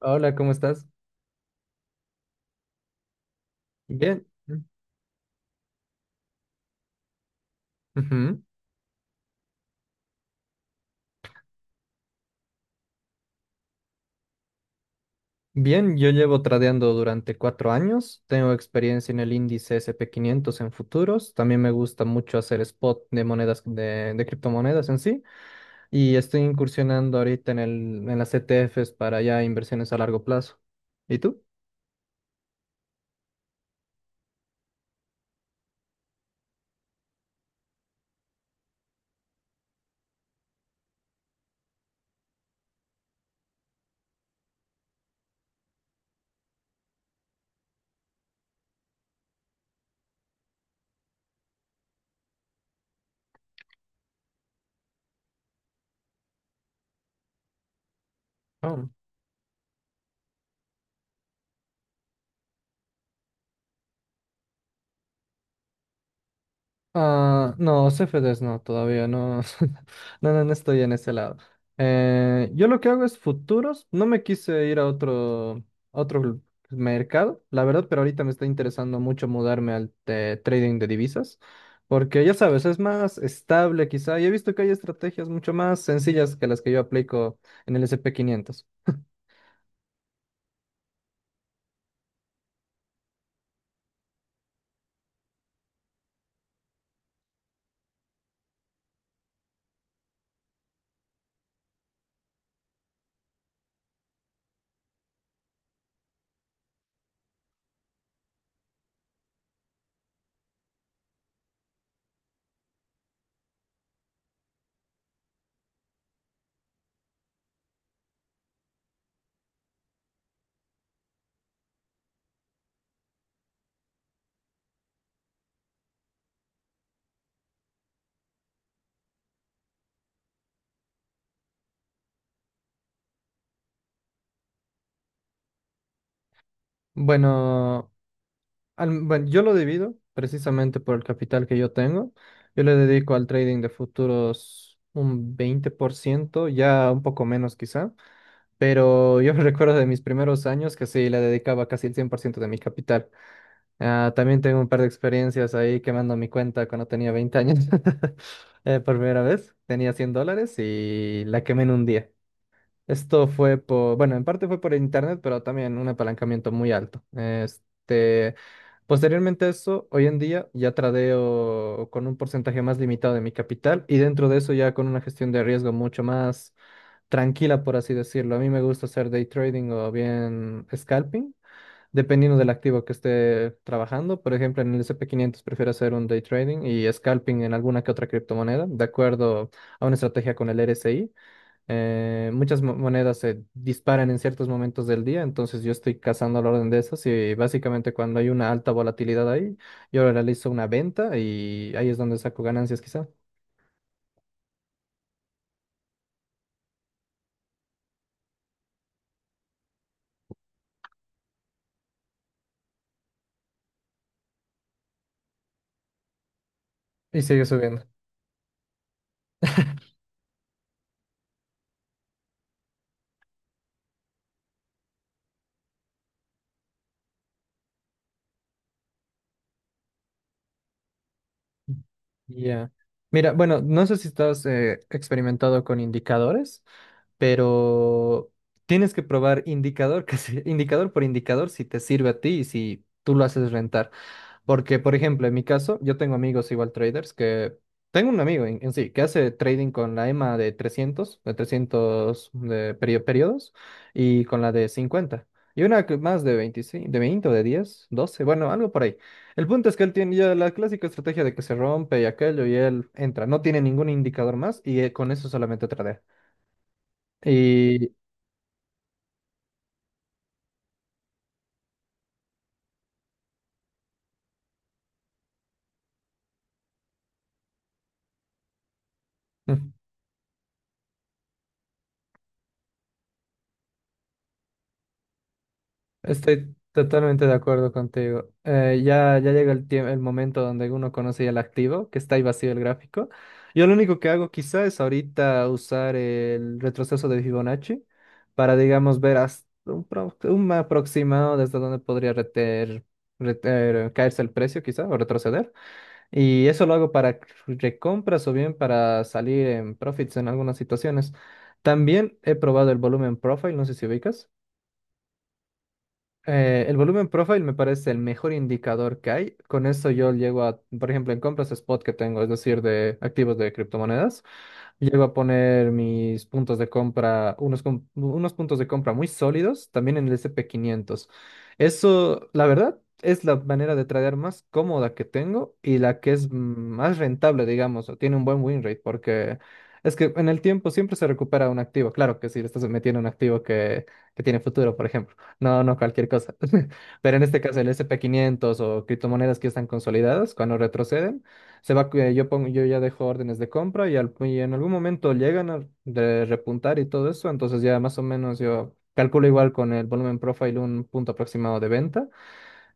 Hola, ¿cómo estás? Bien. Ujú. Bien, yo llevo tradeando durante 4 años. Tengo experiencia en el índice S&P 500 en futuros. También me gusta mucho hacer spot de monedas, de criptomonedas en sí. Y estoy incursionando ahorita en las ETFs para ya inversiones a largo plazo. ¿Y tú? Ah, no, CFDs no, todavía no, no, no, no estoy en ese lado. Yo lo que hago es futuros, no me quise ir a otro mercado, la verdad, pero ahorita me está interesando mucho mudarme al de trading de divisas, porque ya sabes, es más estable quizá, y he visto que hay estrategias mucho más sencillas que las que yo aplico en el S&P 500. Bueno. Bueno, yo lo divido precisamente por el capital que yo tengo. Yo le dedico al trading de futuros un 20%, ya un poco menos quizá, pero yo recuerdo de mis primeros años que sí, le dedicaba casi el 100% de mi capital. Ah, también tengo un par de experiencias ahí quemando mi cuenta cuando tenía 20 años. Por primera vez tenía $100 y la quemé en un día. Esto fue por, bueno, en parte fue por internet, pero también un apalancamiento muy alto. Posteriormente a eso, hoy en día ya tradeo con un porcentaje más limitado de mi capital y dentro de eso ya con una gestión de riesgo mucho más tranquila, por así decirlo. A mí me gusta hacer day trading o bien scalping, dependiendo del activo que esté trabajando. Por ejemplo, en el S&P 500 prefiero hacer un day trading, y scalping en alguna que otra criptomoneda, de acuerdo a una estrategia con el RSI. Muchas monedas se disparan en ciertos momentos del día, entonces yo estoy cazando al orden de esas, y básicamente cuando hay una alta volatilidad ahí, yo realizo una venta y ahí es donde saco ganancias quizá. Y sigue subiendo. Ya. Mira, bueno, no sé si estás experimentado con indicadores, pero tienes que probar indicador, indicador por indicador, si te sirve a ti y si tú lo haces rentar. Porque, por ejemplo, en mi caso, yo tengo amigos igual traders que... Tengo un amigo en sí que hace trading con la EMA de 300, de periodos, y con la de 50. Y una que más de 25, de 20, o de 10, 12, bueno, algo por ahí. El punto es que él tiene ya la clásica estrategia de que se rompe y aquello y él entra. No tiene ningún indicador más, y con eso solamente tradea. Y... Mm. Estoy totalmente de acuerdo contigo. Ya, ya llega el tiempo, el momento donde uno conoce ya el activo, que está ahí vacío el gráfico. Yo lo único que hago quizá es ahorita usar el retroceso de Fibonacci para, digamos, ver hasta un aproximado desde donde podría caerse el precio quizá, o retroceder. Y eso lo hago para recompras, o bien para salir en profits en algunas situaciones. También he probado el volumen profile, no sé si ubicas. El volumen profile me parece el mejor indicador que hay. Con eso yo llego a, por ejemplo, en compras spot que tengo, es decir, de activos de criptomonedas. Llego a poner mis puntos de compra, unos puntos de compra muy sólidos, también en el S&P 500. Eso, la verdad, es la manera de tradear más cómoda que tengo, y la que es más rentable, digamos, o tiene un buen win rate, porque es que en el tiempo siempre se recupera un activo. Claro que si le estás metiendo un activo que tiene futuro, por ejemplo. No, no cualquier cosa. Pero en este caso, el S&P 500 o criptomonedas que están consolidadas, cuando retroceden, se va, yo pongo, yo ya dejo órdenes de compra, y, y en algún momento llegan a de repuntar y todo eso, entonces ya más o menos yo calculo igual con el volumen profile un punto aproximado de venta,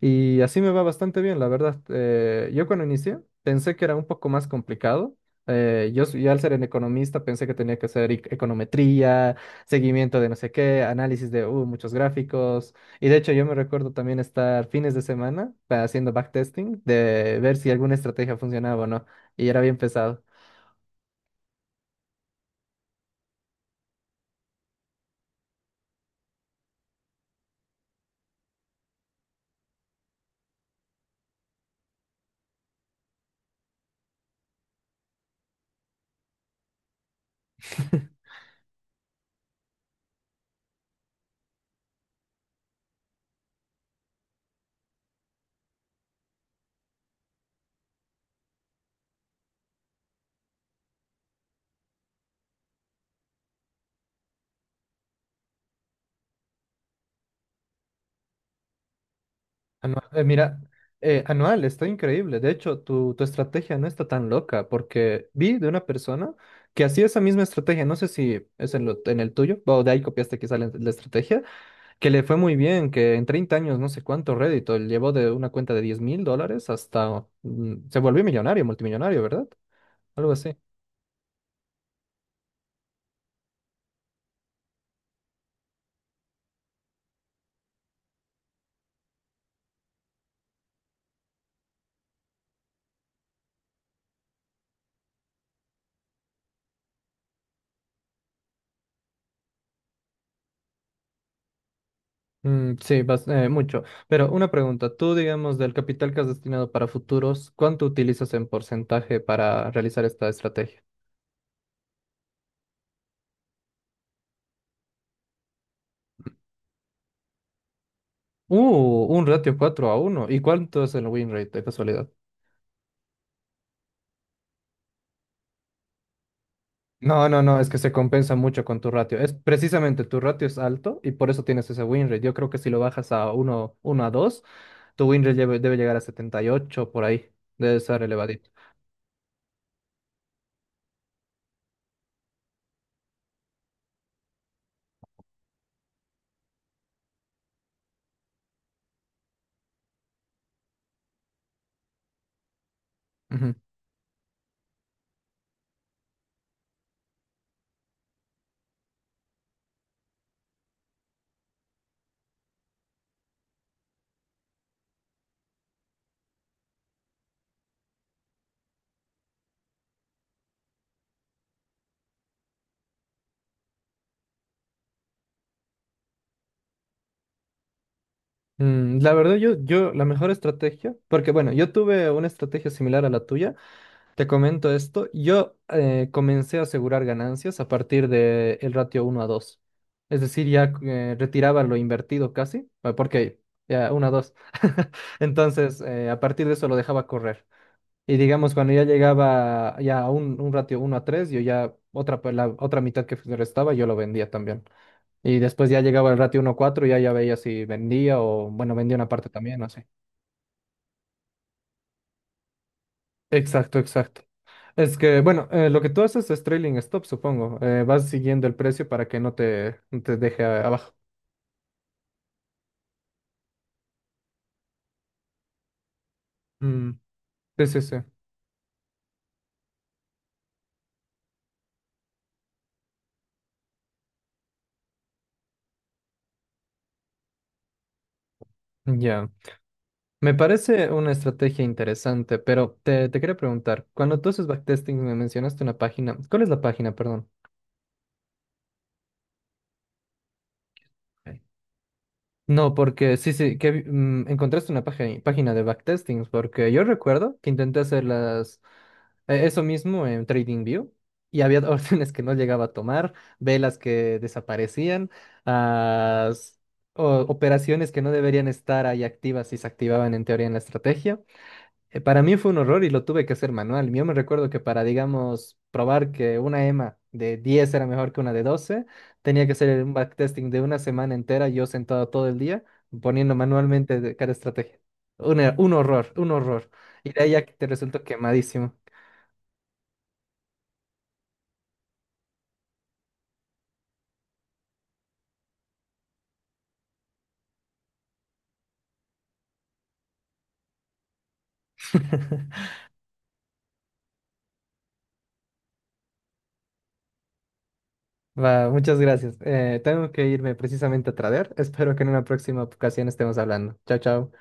y así me va bastante bien, la verdad. Yo cuando inicié pensé que era un poco más complicado. Yo, al ser un economista, pensé que tenía que hacer econometría, seguimiento de no sé qué, análisis de muchos gráficos. Y de hecho yo me recuerdo también estar fines de semana haciendo backtesting, de ver si alguna estrategia funcionaba o no. Y era bien pesado. Anual, mira, anual, está increíble. De hecho, tu estrategia no está tan loca, porque vi de una persona que hacía esa misma estrategia, no sé si es en el tuyo, o de ahí copiaste quizá la estrategia, que le fue muy bien, que en 30 años, no sé cuánto rédito, él llevó de una cuenta de $10,000 hasta... Mm, se volvió millonario, multimillonario, ¿verdad? Algo así. Mm, sí, mucho. Pero una pregunta, tú, digamos, del capital que has destinado para futuros, ¿cuánto utilizas en porcentaje para realizar esta estrategia? Un ratio 4-1. ¿Y cuánto es el win rate de casualidad? No, no, no, es que se compensa mucho con tu ratio. Es precisamente tu ratio es alto y por eso tienes ese win rate. Yo creo que si lo bajas a 1-2, tu win rate debe llegar a 78 por ahí. Debe ser elevadito. Ujú. La verdad, yo, la mejor estrategia, porque bueno, yo tuve una estrategia similar a la tuya. Te comento esto. Yo comencé a asegurar ganancias a partir del ratio 1-2. Es decir, ya retiraba lo invertido casi, porque ya 1-2. Entonces, a partir de eso lo dejaba correr. Y digamos, cuando ya llegaba ya a un ratio 1-3, yo ya otra, la otra mitad que me restaba, yo lo vendía también. Y después ya llegaba el ratio 1-4, ya ya veía si vendía, o, bueno, vendía una parte también, no. Exacto, exacto. Es que, bueno, lo que tú haces es trailing stop, supongo. Vas siguiendo el precio para que no te deje abajo. Mm, sí, sí, sí. Ya. Me parece una estrategia interesante, pero te quería preguntar, cuando tú haces backtesting me mencionaste una página. ¿Cuál es la página, perdón? Ok. No, porque sí, sí, que encontraste una página, página de backtestings, porque yo recuerdo que intenté hacer las, eso mismo en TradingView. Y había órdenes que no llegaba a tomar, velas que desaparecían, ah, s- operaciones que no deberían estar ahí activas y se activaban en teoría en la estrategia. Para mí fue un horror y lo tuve que hacer manual. Yo me recuerdo que para, digamos, probar que una EMA de 10 era mejor que una de 12, tenía que hacer un backtesting de una semana entera, yo sentado todo el día, poniendo manualmente de cada estrategia. Un horror, un horror. Y de ahí ya que te resultó quemadísimo. Va, muchas gracias. Tengo que irme precisamente a traer. Espero que en una próxima ocasión estemos hablando. Chao, chao.